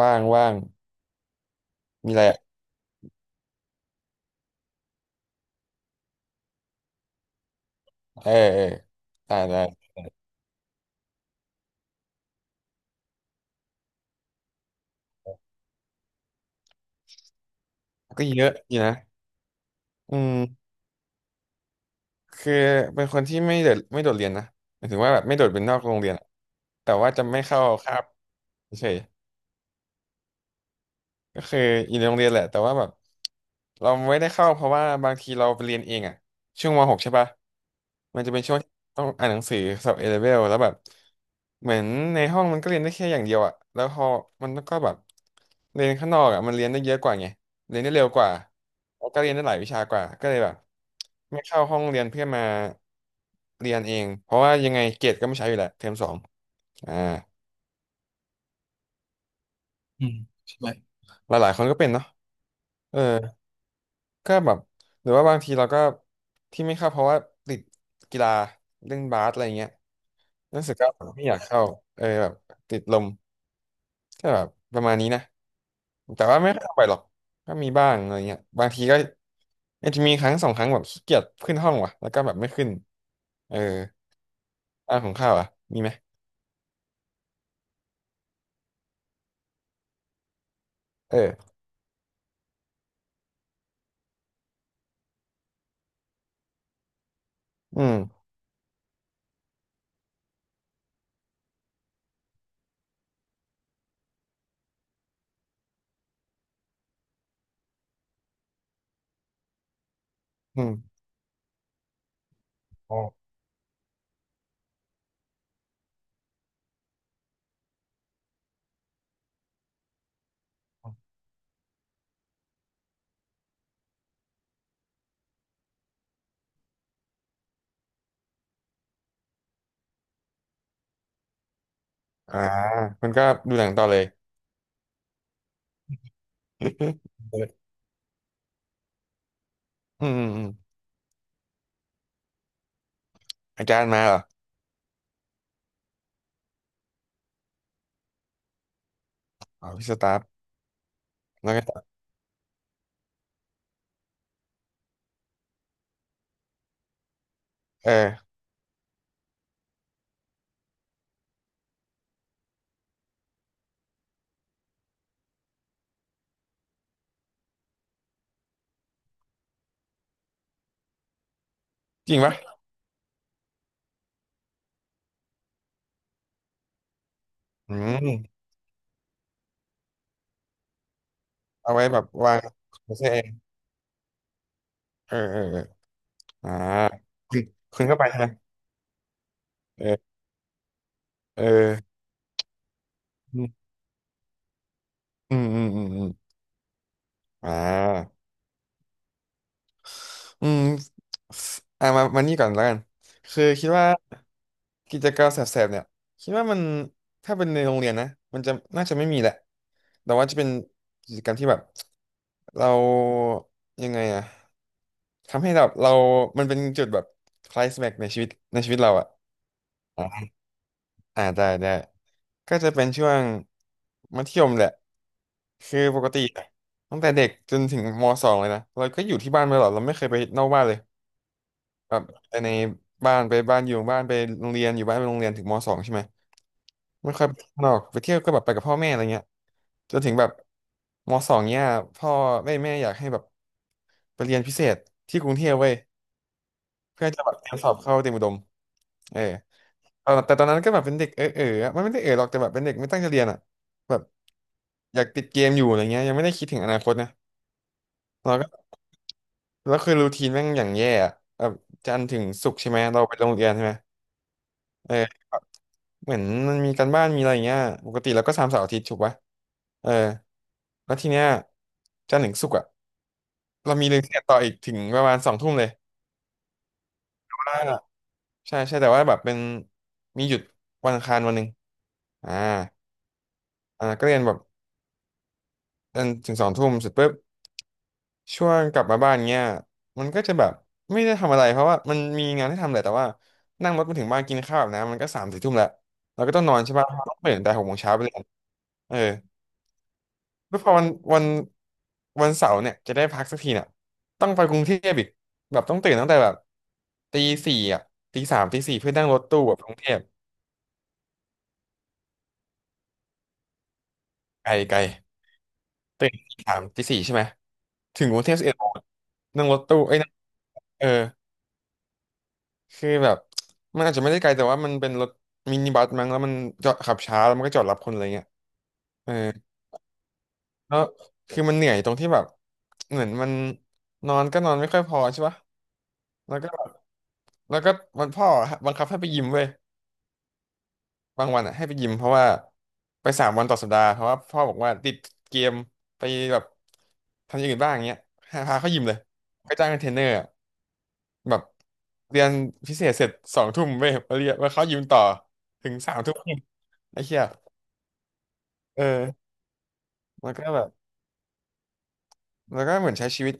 ว่างว่างมีอะไรอะเออเออได้ได้ก็เยอะอยู่นะอืมคือเป็นคนที่ไม่โดดเรียนนะหมายถึงว่าแบบไม่โดดเป็นนอกโรงเรียนอะแต่ว่าจะไม่เข้าคาบเฉยๆก็คืออยู่ในโรงเรียนแหละแต่ว่าแบบเราไม่ได้เข้าเพราะว่าบางทีเราไปเรียนเองอะช่วงมหกใช่ปะ มันจะเป็นช่วงต้องอ่านหนังสือสอบเอเลเวลแล้วแบบเหมือนในห้องมันก็เรียนได้แค่อย่างเดียวอะแล้วพอมันก็แบบเรียนข้างนอกอะมันเรียนได้เยอะกว่าไงเรียนได้เร็วกว่าแล้วก็เรียนได้หลายวิชากว่าก็เลยแบบไม่เข้าห้องเรียนเพื่อมาเรียนเองเพราะว่ายังไงเกรดก็ไม่ใช้อยู่แหละเทอมสองอ่าอืมหลายๆคนก็เป็นเนาะเออก็แบบหรือว่าบางทีเราก็ที่ไม่เข้าเพราะว่าติดกีฬาเล่นบาสอะไรเงี้ยรู้สึกก็ไม่อยากเข้าเออแบบติดลม ก็แบบประมาณนี้นะแต่ว่าไม่ค่อยออกไปหรอกก็มีบ้างอะไรเงี้ยบางทีก็อาจจะมีครั้งสองครั้งแบบขี้เกียจขึ้นห้องว่ะแล้วก็แบบไม่ขึ้นเออบ้านของข้าวอ่ะมีไหมเอออืมอืมอ๋ออ่ามันก็ดูหนังต่อเลย อืมอืมอืมอาจารย์มาเหรออ๋อพี่สตาฟแล้วก็เออจริงปะอืมเอาไว้แบบวางโอเคเออเออเอออ่าคุณคุณเข้าไปใช่ไหมเออเอออืมอืมอืมอืมอมอ่า อืมอ่ะมานี่ก่อนแล้วกันคือคิดว่ากิจกรรมแสบๆเนี่ยคิดว่ามันถ้าเป็นในโรงเรียนนะมันจะน่าจะไม่มีแหละแต่ว่าจะเป็นกิจกรรมที่แบบเรายังไงอะทำให้แบบเรามันเป็นจุดแบบคลายแม็กในชีวิตเราอะอ่าอ่าได้ได้ก็จะเป็นช่วงมัธยมแหละคือปกติตั้งแต่เด็กจนถึงมสองเลยนะเราก็อยู่ที่บ้านมาตลอดเราไม่เคยไปนอกบ้านเลย แบบไปในบ้านไปบ้านอยู่บ้านไปโรงเรียนอยู่บ้านไปโรงเรียนถึงมสองใช่ไหมไม่ค่อยไปข้างนอกไปเที่ยวก็แบบไปกับพ่อแม่อะไรเงี้ยจนถึงแบบมสองเนี่ยพ่อแม่อยากให้แบบไปเรียนพิเศษที่กรุงเทพเว้ยเพื่อจะแบบเตรียมสอบเข้าเตรียมอุดมเออตอนแต่ตอนนั้นก็แบบเป็นเด็กเออเอออะมันไม่ได้เออหรอกแต่แบบเป็นเด็กไม่ตั้งใจเรียนอ่ะแบบอยากติดเกมอยู่อะไรเงี้ยยังไม่ได้คิดถึงอนาคตนะเราก็แล้วคือรูทีนแม่งอย่างแย่อะแบบจันทร์ถึงศุกร์ใช่ไหมเราไปโรงเรียนใช่ไหม เหมือนมันมีการบ้านมีอะไรอย่างเงี้ยปกติเราก็ทำเสาร์อาทิตย์ถูกปะเออแล้วทีเนี้ยจันทร์ถึงศุกร์อะเรามีเรียนพิเศษต่ออีกถึงประมาณสองทุ่มเลยว่าใช่ใช่แต่ว่าแบบเป็นมีหยุดวันอังคารวันหนึ่งอ่าอ่าก็เรียนแบบจนถึงสองทุ่มเสร็จปุ๊บช่วงกลับมาบ้านเงี้ยมันก็จะแบบไม่ได้ทำอะไรเพราะว่ามันมีงานให้ทำแหละแต่ว่านั่งรถมาถึงบ้านกินข้าวแบบน้ำมันก็สามสี่ทุ่มแล้วเราก็ต้องนอนใช่ปะต้องตื่นแต่หกโมงเช้าไปเรียนเออ แล้วพอวันวันเสาร์เนี่ยจะได้พักสักทีเนี่ยต้องไปกรุงเทพอีกแบบต้องตื่นตั้งแต่แบบตีสี่อ่ะตีสามตีสี่เพื่อนั่งรถตู้แบบกรุงเทพไกลไกลตื่นตีสามตีสี่ใช่ไหมถึงกรุงเทพสิบเอ็ดโมงนั่งรถตู้เอ้ยนั่งเออคือแบบมันอาจจะไม่ได้ไกลแต่ว่ามันเป็นรถมินิบัสมั้งแล้วมันจอดขับช้าแล้วมันก็จอดรับคนอะไรเงี้ยเออแล้วคือมันเหนื่อยตรงที่แบบเหมือนมันนอนก็นอนไม่ค่อยพอใช่ปะแล้วก็ แล้วก็วันพ่อบังคับให้ไปยิมเว้ยบางวันอ่ะให้ไปยิมเพราะว่าไปสามวันต่อสัปดาห์เพราะว่าพ่อบอกว่าติดเกมไปแบบทำอย่างอื่นบ้างอย่างเงี้ยให้พาเขายิมเลยก็จ้างเทรนเนอร์อะแบบเรียนพิเศษเสร็จสองทุ่มเว้ยมาเรียนมาเขายิมต่อถึงสามทุ่มไอ้เหี้ยเออมันก็แบบแล้วก็เหมือนใช้ชีวิต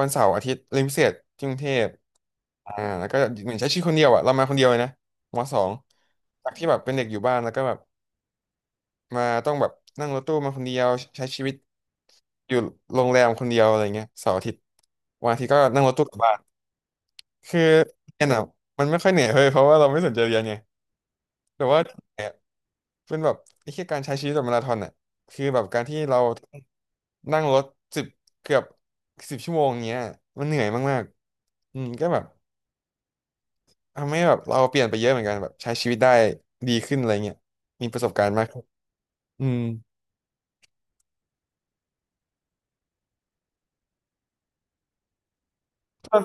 วันเสาร์อาทิตย์เรียนพิเศษที่กรุงเทพอ่าแล้วก็เหมือนใช้ชีวิตคนเดียวอ่ะเรามาคนเดียวเลยนะมสองจากที่แบบเป็นเด็กอยู่บ้านแล้วก็แบบ มาต้องแบบนั่งรถตู้มาคนเดียวใช้ชีวิตอยู่โรงแรมคนเดียวอะไรเงี้ยเสาร์อาทิตย์วันอาทิตย์ก็นั่งรถตู้กลับบ้านคือเรียนอะมันไม่ค่อยเหนื่อยเลยเพราะว่าเราไม่สนใจเรียนไงแต่ว่าเนี่ยเป็นแบบไอ้แค่การใช้ชีวิตแบบมาราธอนอ่ะคือแบบการที่เรานั่งรถสิบเกือบสิบชั่วโมงเงี้ยมันเหนื่อยมากๆอืมก็แบบทำให้แบบเราเปลี่ยนไปเยอะเหมือนกันแบบใช้ชีวิตได้ดีขึ้นอะไรเงี้ยมีประสบการณ์มากขึ้นอืมก็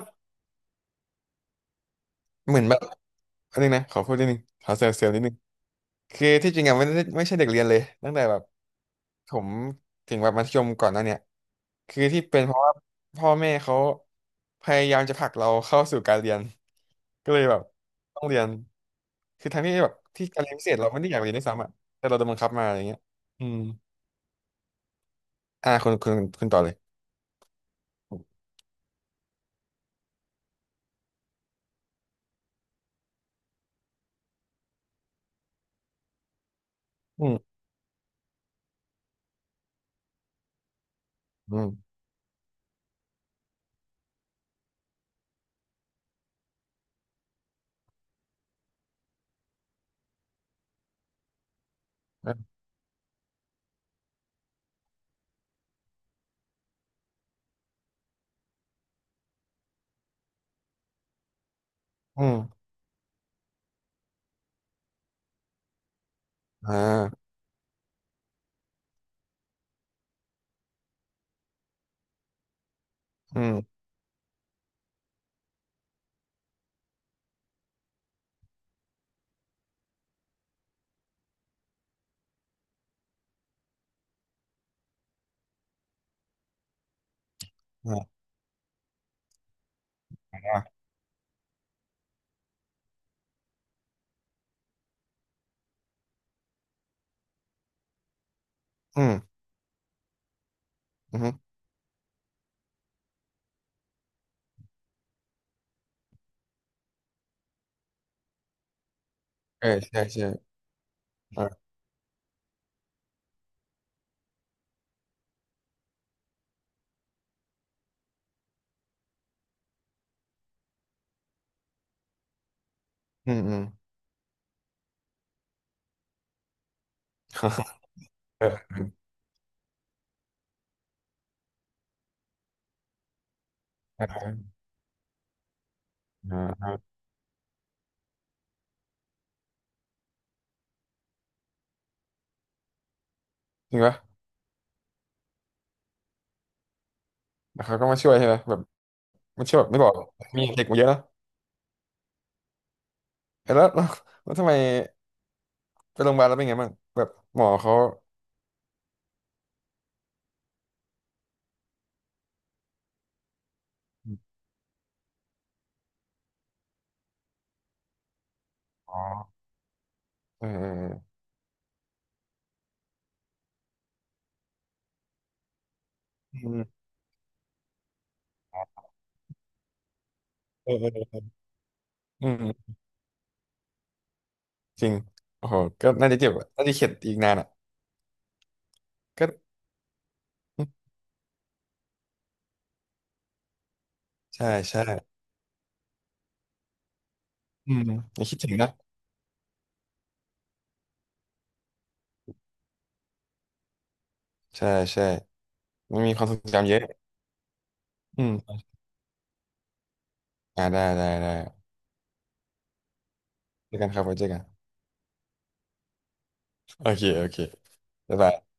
เหมือนแบบอันนึงนะขอพูดนิดนึงขอเซลล์นิดนึง คือที่จริงอะไม่ได้ไม่ใช่เด็กเรียนเลยตั้งแต่แบบผมถึงแบบมัธยมก่อนหน้าเนี่ยคือที่เป็นเพราะว่าพ่อแม่เขาพยายามจะผลักเราเข้าสู่การเรียนก็เลยแบบต้องเรียนคือทั้งที่แบบที่การเรียนพิเศษเราไม่ได้อยากเรียนด้วยซ้ำอะแต่เราโดนบังคับมาอย่างเงี้ยอืมคุณคุณต่อเลยอืมอืมอืมออ่าอืมอ่าอืมอืมเออใช่ใช่อ่าอืมอืม เอออ่าอ่าจริงปะแล้วเขาก็มาช่วยใช่ไหมแบบ ไม่เชื่อแบบไม่บอกมีเด็กมาเยอะนะเอ้ยแล้วทำไมไปโรงพยาบาลแล้วเป็นไงบ้างแบบหมอเขาอ๋อเออเออเออเออเออเอออืมจริงโอ้โหก็น่าจะเจ็บอะน่าจะเข็ดอีกนานอ่ะก็ใช่ใช่อืมยังคิดถึงนะใช่ใช่มันมีความทรงจำเยอะอืมได้ได้ได้เจอกันครับไว้เจอกันโอเคโอเคบ๊ายบาย